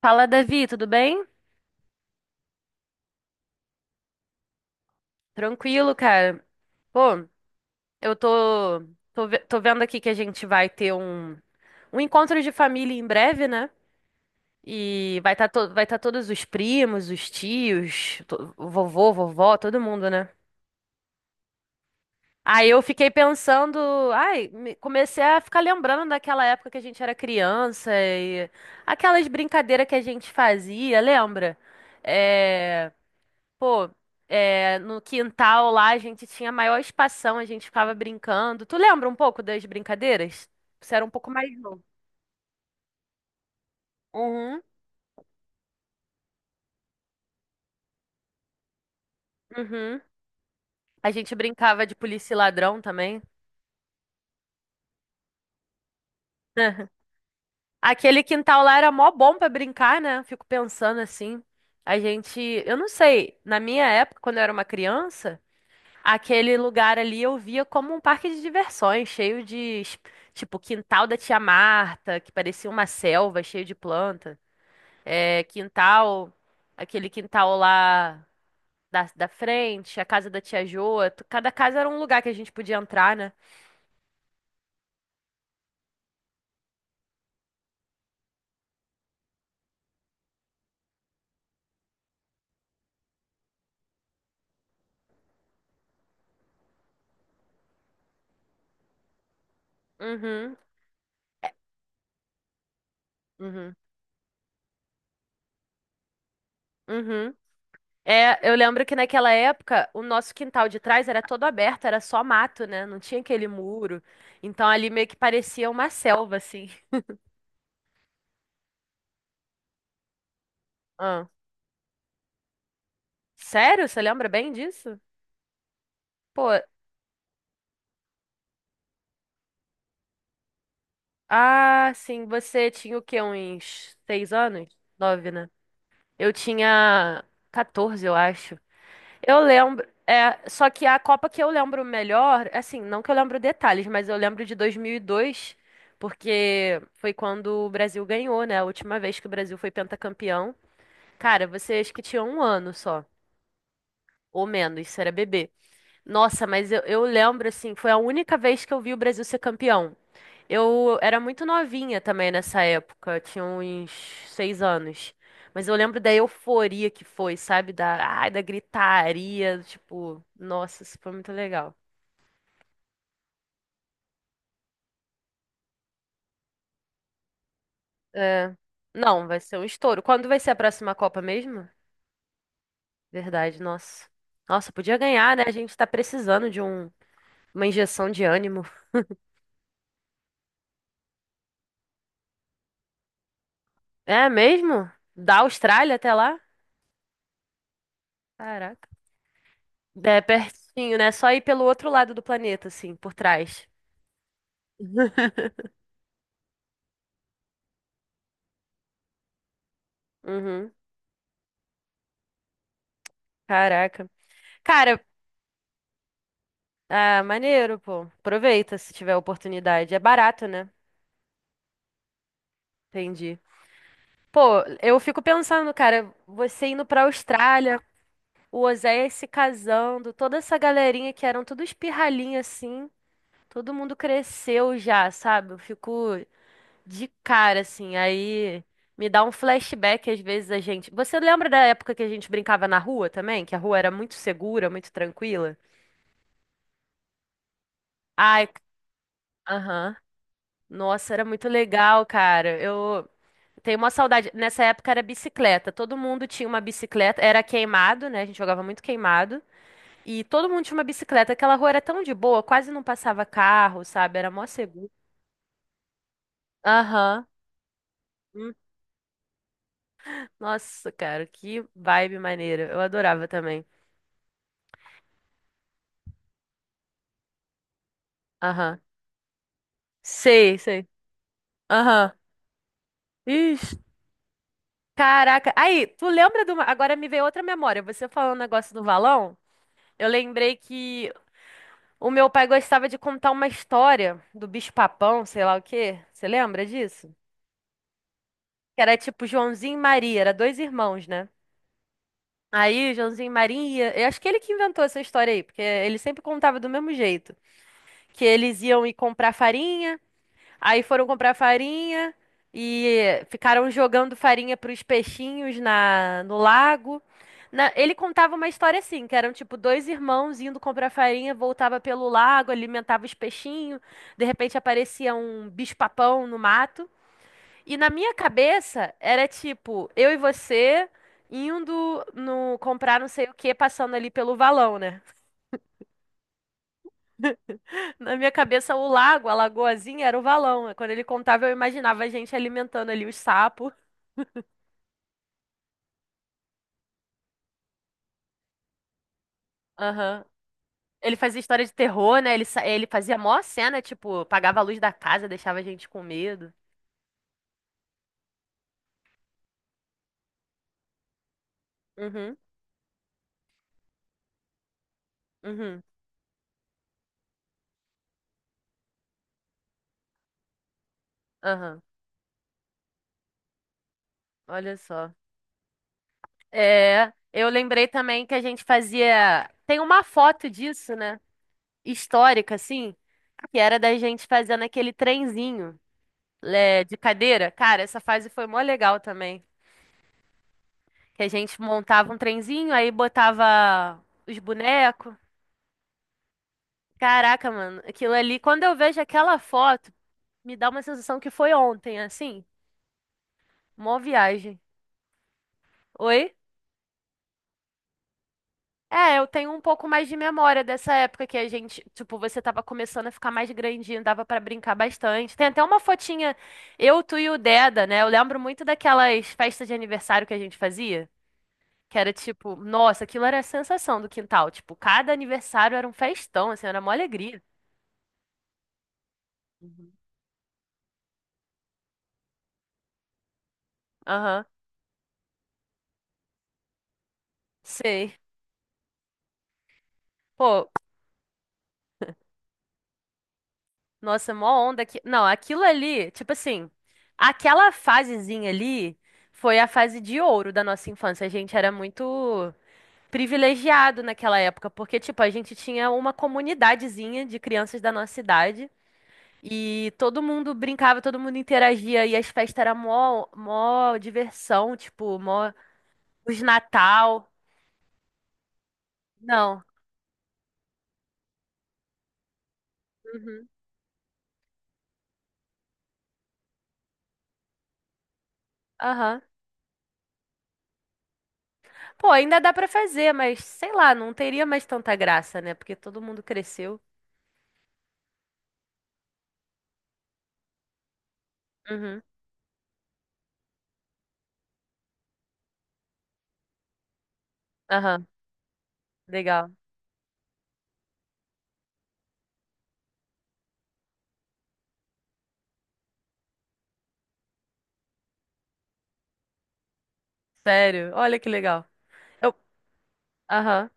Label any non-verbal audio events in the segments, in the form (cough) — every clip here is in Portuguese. Fala, Davi, tudo bem? Tranquilo, cara. Pô, eu tô vendo aqui que a gente vai ter um encontro de família em breve, né? E vai tá todos os primos, os tios, o vovô, vovó, todo mundo, né? Aí eu fiquei pensando, ai, comecei a ficar lembrando daquela época que a gente era criança e aquelas brincadeiras que a gente fazia, lembra? É. Pô, é, no quintal lá a gente tinha maior espação, a gente ficava brincando. Tu lembra um pouco das brincadeiras? Você era um pouco mais novo. Uhum, uhum. A gente brincava de polícia e ladrão também. (laughs) Aquele quintal lá era mó bom pra brincar, né? Fico pensando assim. A gente, eu não sei, na minha época, quando eu era uma criança, aquele lugar ali eu via como um parque de diversões, cheio de, tipo, quintal da tia Marta, que parecia uma selva, cheio de plantas. é, quintal, Aquele quintal lá da frente, a casa da tia Joa. Cada casa era um lugar que a gente podia entrar, né? Uhum. É, uhum. Uhum. É, eu lembro que naquela época o nosso quintal de trás era todo aberto, era só mato, né? Não tinha aquele muro. Então ali meio que parecia uma selva, assim. (laughs) Ah. Sério? Você lembra bem disso? Pô, ah, sim, você tinha o quê? Uns 6 anos? Nove, né? Eu tinha 14, eu acho. Eu lembro, é, só que a Copa que eu lembro melhor, assim, não que eu lembro detalhes, mas eu lembro de 2002, porque foi quando o Brasil ganhou, né? A última vez que o Brasil foi pentacampeão. Cara, você acho que tinha um ano só, ou menos, isso era bebê. Nossa, mas eu lembro, assim, foi a única vez que eu vi o Brasil ser campeão. Eu era muito novinha também nessa época, eu tinha uns 6 anos. Mas eu lembro da euforia que foi, sabe? Da gritaria, tipo, nossa, isso foi muito legal. É. Não, vai ser um estouro. Quando vai ser a próxima Copa mesmo? Verdade, nossa. Nossa, podia ganhar, né? A gente tá precisando de uma injeção de ânimo. É mesmo? Da Austrália até lá? Caraca. É pertinho, né? Só ir pelo outro lado do planeta, assim, por trás. (laughs) Uhum. Caraca. Cara, ah, maneiro, pô. Aproveita se tiver oportunidade. É barato, né? Entendi. Pô, eu fico pensando, cara, você indo pra Austrália, o Oséias se casando, toda essa galerinha que eram tudo espirralinha assim, todo mundo cresceu já, sabe? Eu fico de cara, assim. Aí me dá um flashback às vezes a gente. Você lembra da época que a gente brincava na rua também? Que a rua era muito segura, muito tranquila? Ai, aham. Nossa, era muito legal, cara. Eu tenho uma saudade. Nessa época era bicicleta. Todo mundo tinha uma bicicleta. Era queimado, né? A gente jogava muito queimado. E todo mundo tinha uma bicicleta. Aquela rua era tão de boa, quase não passava carro, sabe? Era mó seguro. Aham. Hum, Nossa, cara, que vibe maneira. Eu adorava também. Aham. Sei, sei. Aham. Ixi. Caraca. Aí, tu lembra de uma. Agora me veio outra memória. Você falando o negócio do valão? Eu lembrei que o meu pai gostava de contar uma história do bicho-papão, sei lá o quê. Você lembra disso? Que era tipo Joãozinho e Maria, era dois irmãos, né? Aí, Joãozinho e Maria, eu acho que ele que inventou essa história aí, porque ele sempre contava do mesmo jeito, que eles iam ir comprar farinha, aí foram comprar farinha e ficaram jogando farinha pros peixinhos na no lago. Ele contava uma história assim, que eram tipo dois irmãos indo comprar farinha, voltava pelo lago, alimentava os peixinhos, de repente aparecia um bicho-papão no mato. E na minha cabeça era tipo, eu e você indo no comprar não sei o que, passando ali pelo valão, né? (laughs) Na minha cabeça, o lago, a lagoazinha, era o valão, né? Quando ele contava, eu imaginava a gente alimentando ali os sapos. Aham. Ele fazia história de terror, né? Ele fazia mó cena, tipo, apagava a luz da casa, deixava a gente com medo. Uhum, uhum, aham. Olha só. É, eu lembrei também que a gente fazia. Tem uma foto disso, né? Histórica, assim, que era da gente fazendo aquele trenzinho, é, de cadeira. Cara, essa fase foi mó legal também. Que a gente montava um trenzinho, aí botava os bonecos. Caraca, mano, aquilo ali, quando eu vejo aquela foto. Me dá uma sensação que foi ontem, assim. Mó viagem. Oi? É, eu tenho um pouco mais de memória dessa época que a gente, tipo, você tava começando a ficar mais grandinho, dava pra brincar bastante. Tem até uma fotinha, eu, tu e o Deda, né? Eu lembro muito daquelas festas de aniversário que a gente fazia, que era tipo, nossa, aquilo era a sensação do quintal. Tipo, cada aniversário era um festão, assim, era mó alegria. Uhum. Aham, sei. Pô, nossa, mó onda aqui. Não, aquilo ali, tipo assim, aquela fasezinha ali foi a fase de ouro da nossa infância. A gente era muito privilegiado naquela época, porque, tipo, a gente tinha uma comunidadezinha de crianças da nossa idade e todo mundo brincava, todo mundo interagia e as festas eram mó, mó diversão, tipo, mó os Natal. Não. Uhum. Aham. Pô, ainda dá pra fazer, mas sei lá, não teria mais tanta graça, né? Porque todo mundo cresceu. Uhum. Aham, legal. Sério, olha que legal. Eu, aham.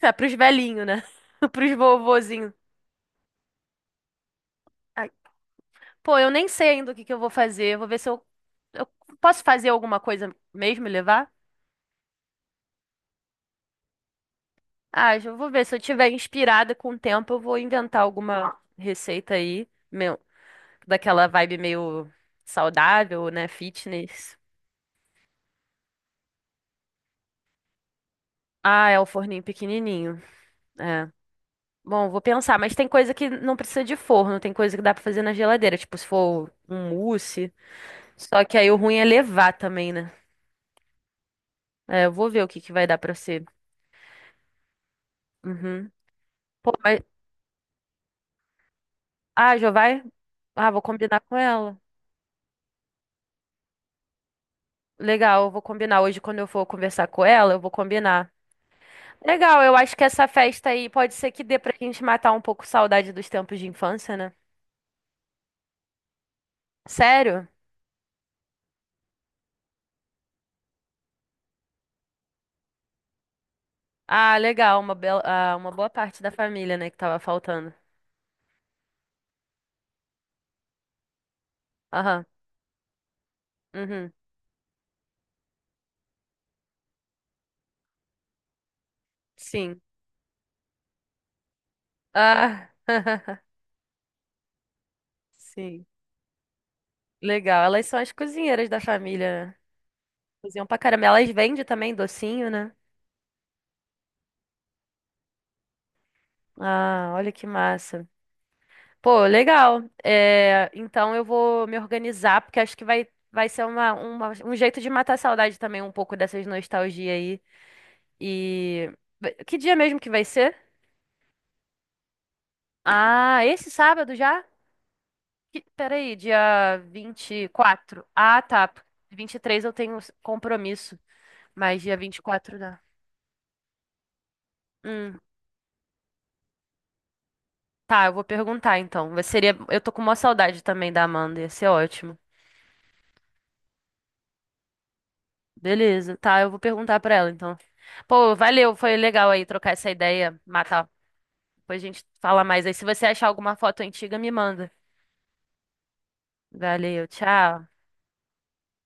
É, pros velhinhos, né? (laughs) Pros vovozinhos. Ai, pô, eu nem sei ainda o que que eu vou fazer. Eu vou ver se eu posso fazer alguma coisa mesmo e levar? Ah, eu vou ver. Se eu tiver inspirada com o tempo, eu vou inventar alguma receita aí, meu, daquela vibe meio saudável, né? Fitness. Ah, é o forninho pequenininho. É. Bom, vou pensar, mas tem coisa que não precisa de forno, tem coisa que dá pra fazer na geladeira, tipo se for um mousse. Só que aí o ruim é levar também, né? É, eu vou ver o que que vai dar pra ser. Uhum. Pô, mas. Ah, já vai? Ah, vou combinar com ela. Legal, eu vou combinar. Hoje, quando eu for conversar com ela, eu vou combinar. Legal, eu acho que essa festa aí pode ser que dê pra gente matar um pouco saudade dos tempos de infância, né? Sério? Ah, legal, uma boa parte da família, né, que tava faltando. Aham, uhum, sim. Ah, (laughs) sim. Legal, elas são as cozinheiras da família, né? Cozinham pra caramba. Elas vendem também docinho, né? Ah, olha que massa. Pô, legal. É, então eu vou me organizar, porque acho que vai ser um jeito de matar a saudade também, um pouco dessas nostalgia aí. E. Que dia mesmo que vai ser? Ah, esse sábado já? Peraí, dia 24. Ah, tá. 23 eu tenho compromisso, mas dia 24 dá. Hum, tá, eu vou perguntar então. Seria, eu tô com uma saudade também da Amanda, ia ser ótimo. Beleza, tá, eu vou perguntar pra ela então. Pô, valeu, foi legal aí trocar essa ideia, matar. Depois a gente fala mais aí. Se você achar alguma foto antiga, me manda. Valeu, tchau.